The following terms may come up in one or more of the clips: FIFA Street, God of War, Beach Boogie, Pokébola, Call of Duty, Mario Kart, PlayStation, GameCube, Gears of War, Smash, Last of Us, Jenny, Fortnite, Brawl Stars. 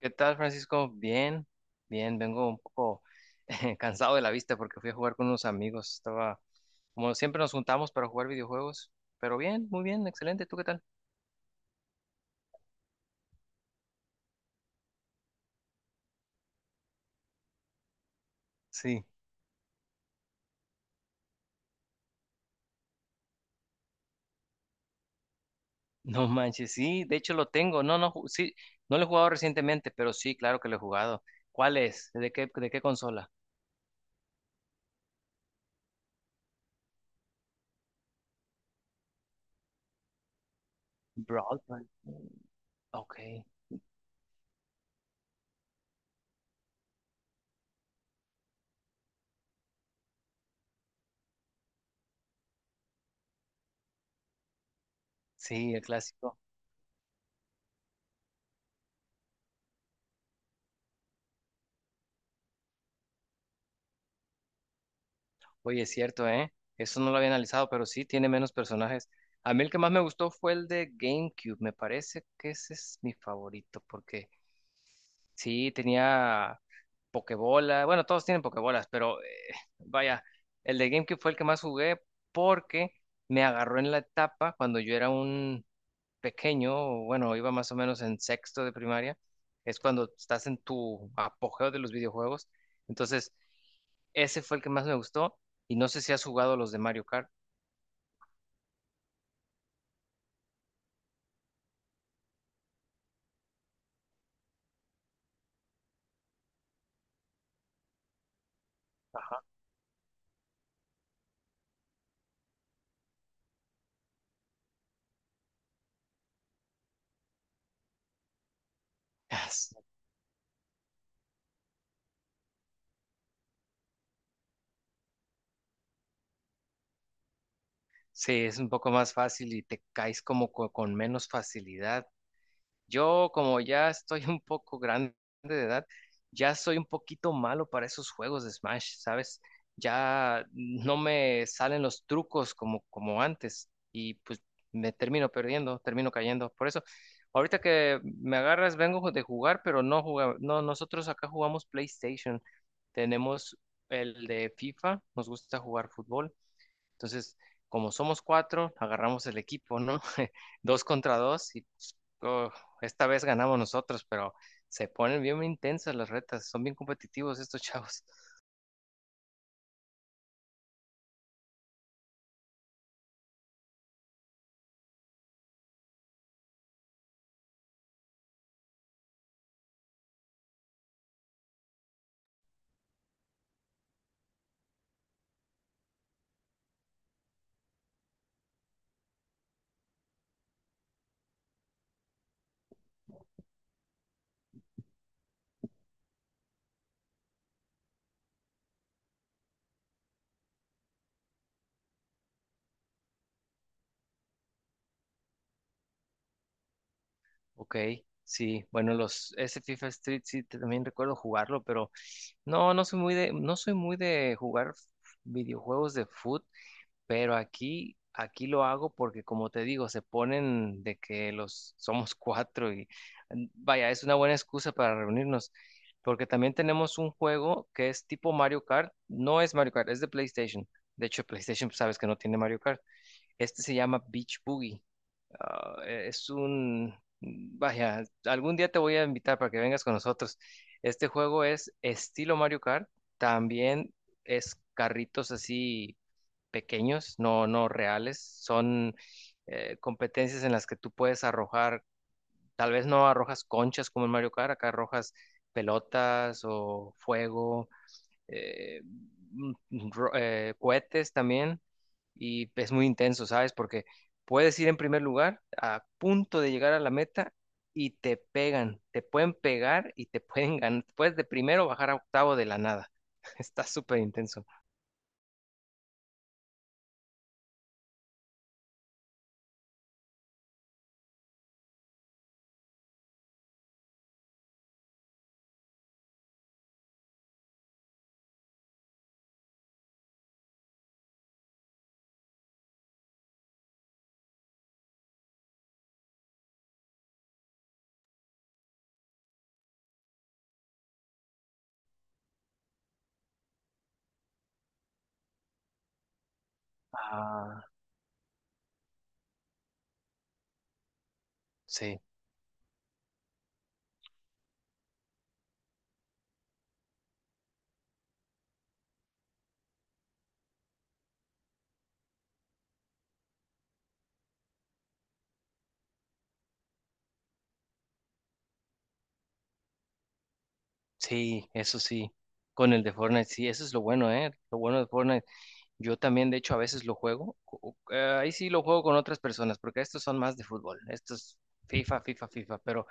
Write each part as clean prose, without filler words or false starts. ¿Qué tal, Francisco? Bien, vengo un poco cansado de la vista porque fui a jugar con unos amigos. Como siempre nos juntamos para jugar videojuegos, pero bien, muy bien, excelente. ¿Tú qué tal? Sí. No manches, sí, de hecho lo tengo. No, no, sí, no lo he jugado recientemente, pero sí, claro que lo he jugado. ¿Cuál es? De qué consola? Brawl Stars. Ok, sí, el clásico. Oye, es cierto, ¿eh? Eso no lo había analizado, pero sí tiene menos personajes. A mí el que más me gustó fue el de GameCube. Me parece que ese es mi favorito, porque sí tenía Pokébola. Bueno, todos tienen Pokébolas, pero vaya, el de GameCube fue el que más jugué porque me agarró en la etapa cuando yo era un pequeño, bueno, iba más o menos en sexto de primaria. Es cuando estás en tu apogeo de los videojuegos. Entonces. Ese fue el que más me gustó. Y no sé si has jugado los de Mario Kart. Ajá. Sí, es un poco más fácil y te caes con menos facilidad. Yo, como ya estoy un poco grande de edad, ya soy un poquito malo para esos juegos de Smash, ¿sabes? Ya no me salen los trucos como, como antes y pues me termino perdiendo, termino cayendo. Por eso, ahorita que me agarras, vengo de jugar, pero no jugamos, no, nosotros acá jugamos PlayStation. Tenemos el de FIFA, nos gusta jugar fútbol. Entonces, como somos cuatro, agarramos el equipo, ¿no? Dos contra dos y oh, esta vez ganamos nosotros, pero se ponen bien intensas las retas, son bien competitivos estos chavos. Ok, sí, bueno, los ese FIFA Street sí también recuerdo jugarlo, pero no, no soy muy de, no soy muy de jugar videojuegos de fútbol. Pero aquí lo hago porque, como te digo, se ponen de que los somos cuatro y vaya, es una buena excusa para reunirnos. Porque también tenemos un juego que es tipo Mario Kart. No es Mario Kart, es de PlayStation. De hecho, PlayStation, pues, sabes que no tiene Mario Kart. Este se llama Beach Boogie. Es un, vaya, algún día te voy a invitar para que vengas con nosotros. Este juego es estilo Mario Kart, también es carritos así pequeños, no, no reales, son competencias en las que tú puedes arrojar, tal vez no arrojas conchas como en Mario Kart, acá arrojas pelotas o fuego eh, mm, cohetes también y es muy intenso, ¿sabes? Porque puedes ir en primer lugar a punto de llegar a la meta y te pegan, te pueden pegar y te pueden ganar, puedes de primero bajar a octavo de la nada. Está súper intenso. Ah, sí, sí, eso sí. Con el de Fortnite, sí, eso es lo bueno, ¿eh? Lo bueno de Fortnite. Yo también, de hecho, a veces lo juego. Ahí sí lo juego con otras personas, porque estos son más de fútbol. Estos FIFA, FIFA, FIFA. Pero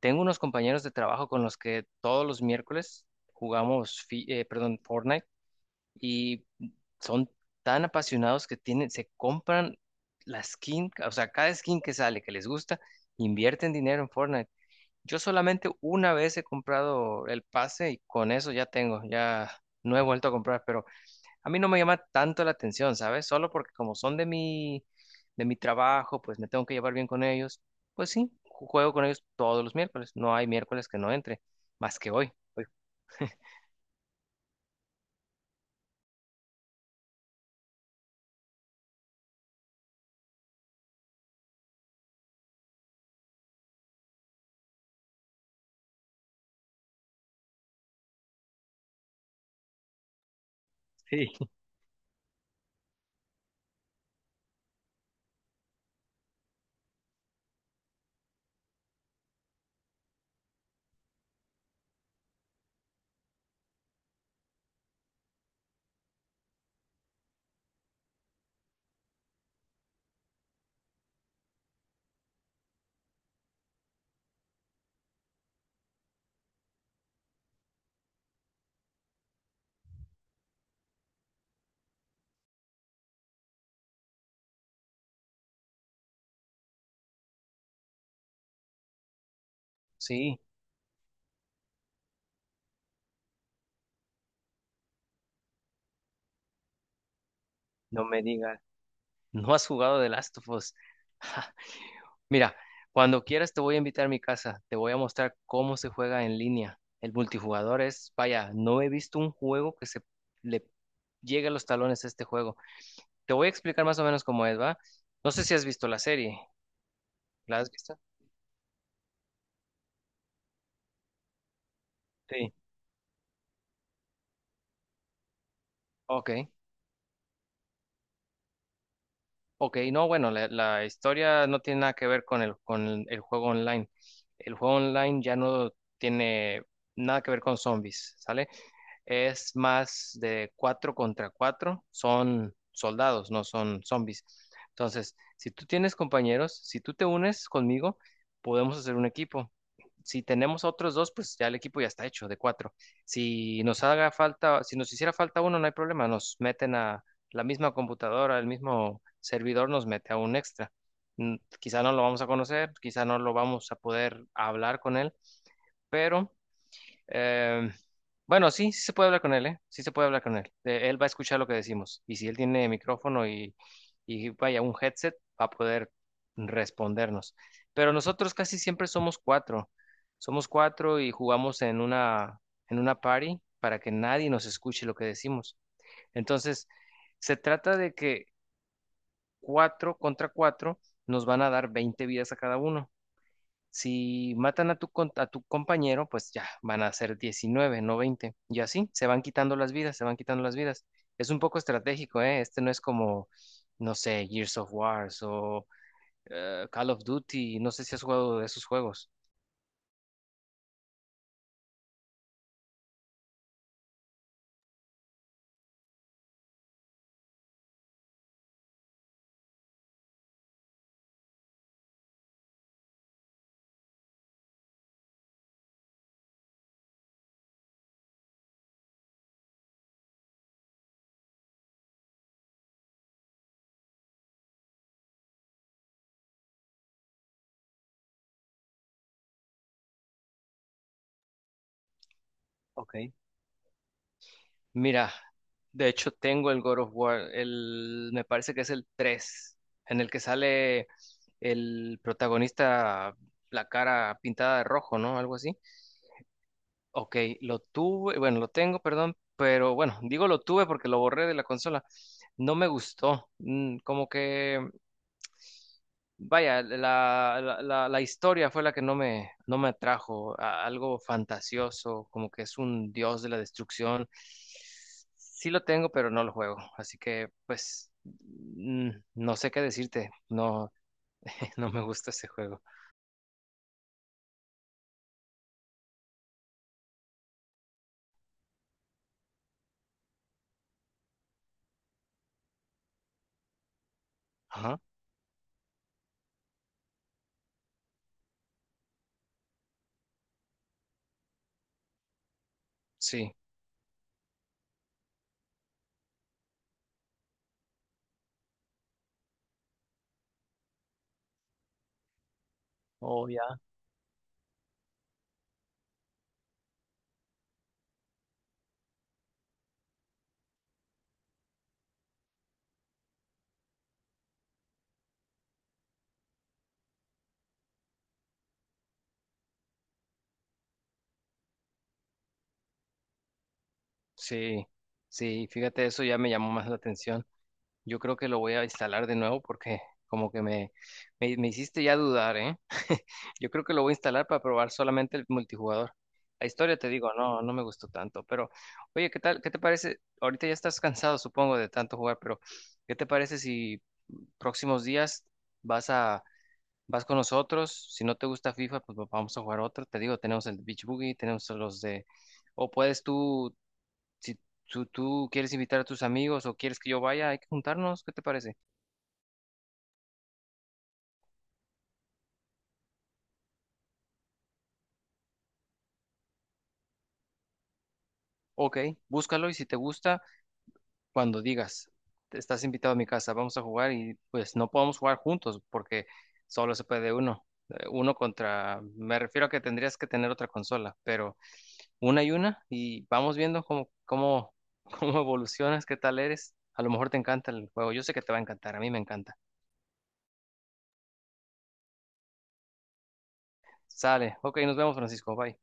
tengo unos compañeros de trabajo con los que todos los miércoles jugamos, Fortnite, y son tan apasionados que tienen, se compran la skin, o sea, cada skin que sale que les gusta, invierten dinero en Fortnite. Yo solamente una vez he comprado el pase y con eso ya tengo, ya no he vuelto a comprar, pero a mí no me llama tanto la atención, ¿sabes? Solo porque como son de mi trabajo, pues me tengo que llevar bien con ellos. Pues sí, juego con ellos todos los miércoles. No hay miércoles que no entre, más que hoy. Hoy sí. Sí, no me digas, no has jugado de Last of Us. Mira, cuando quieras te voy a invitar a mi casa, te voy a mostrar cómo se juega en línea. El multijugador es, vaya, no he visto un juego que se le llegue a los talones a este juego. Te voy a explicar más o menos cómo es, ¿va? No sé si has visto la serie. ¿La has visto? Sí. Ok, ok, no, bueno, la historia no tiene nada que ver con el, con el juego online. El juego online ya no tiene nada que ver con zombies, ¿sale? Es más de cuatro contra cuatro, son soldados, no son zombies. Entonces, si tú tienes compañeros, si tú te unes conmigo, podemos hacer un equipo. Si tenemos otros dos, pues ya el equipo ya está hecho de cuatro. Si nos haga falta, si nos hiciera falta uno, no hay problema, nos meten a la misma computadora, el mismo servidor nos mete a un extra. Quizá no lo vamos a conocer, quizá no lo vamos a poder hablar con él, pero eh, bueno, sí, sí se puede hablar con él, ¿eh? Sí se puede hablar con él. Él va a escuchar lo que decimos. Y si él tiene micrófono y vaya, un headset, va a poder respondernos. Pero nosotros casi siempre somos cuatro. Somos cuatro y jugamos en una party para que nadie nos escuche lo que decimos. Entonces, se trata de que cuatro contra cuatro nos van a dar 20 vidas a cada uno. Si matan a a tu compañero, pues ya van a ser 19, no 20. Y así se van quitando las vidas, se van quitando las vidas. Es un poco estratégico, ¿eh? Este no es como, no sé, Gears of Wars o Call of Duty. No sé si has jugado de esos juegos. Ok. Mira, de hecho tengo el God of War, el, me parece que es el 3, en el que sale el protagonista la cara pintada de rojo, ¿no? Algo así. Ok, lo tuve, bueno, lo tengo, perdón, pero bueno, digo lo tuve porque lo borré de la consola. No me gustó. Como que, vaya, la historia fue la que no me, no me atrajo. Algo fantasioso, como que es un dios de la destrucción. Sí lo tengo, pero no lo juego. Así que, pues, no sé qué decirte. No, no me gusta ese juego. Ajá, sí. Oh, ya. Sí, sí, fíjate, eso ya me llamó más la atención. Yo creo que lo voy a instalar de nuevo porque como que me hiciste ya dudar, ¿eh? Yo creo que lo voy a instalar para probar solamente el multijugador. La historia te digo, no, no me gustó tanto, pero oye, ¿qué tal? ¿Qué te parece? Ahorita ya estás cansado, supongo, de tanto jugar, pero ¿qué te parece si próximos días vas a vas con nosotros? Si no te gusta FIFA, pues vamos a jugar otro. Te digo, tenemos el Beach Boogie, tenemos los de o puedes tú si tú quieres invitar a tus amigos o quieres que yo vaya, hay que juntarnos, ¿qué te parece? Ok, búscalo y si te gusta, cuando digas, estás invitado a mi casa, vamos a jugar y pues no podemos jugar juntos porque solo se puede uno. Uno contra, me refiero a que tendrías que tener otra consola, pero una y vamos viendo cómo, cómo evolucionas, qué tal eres. A lo mejor te encanta el juego, yo sé que te va a encantar, a mí me encanta. Sale, ok, nos vemos Francisco, bye.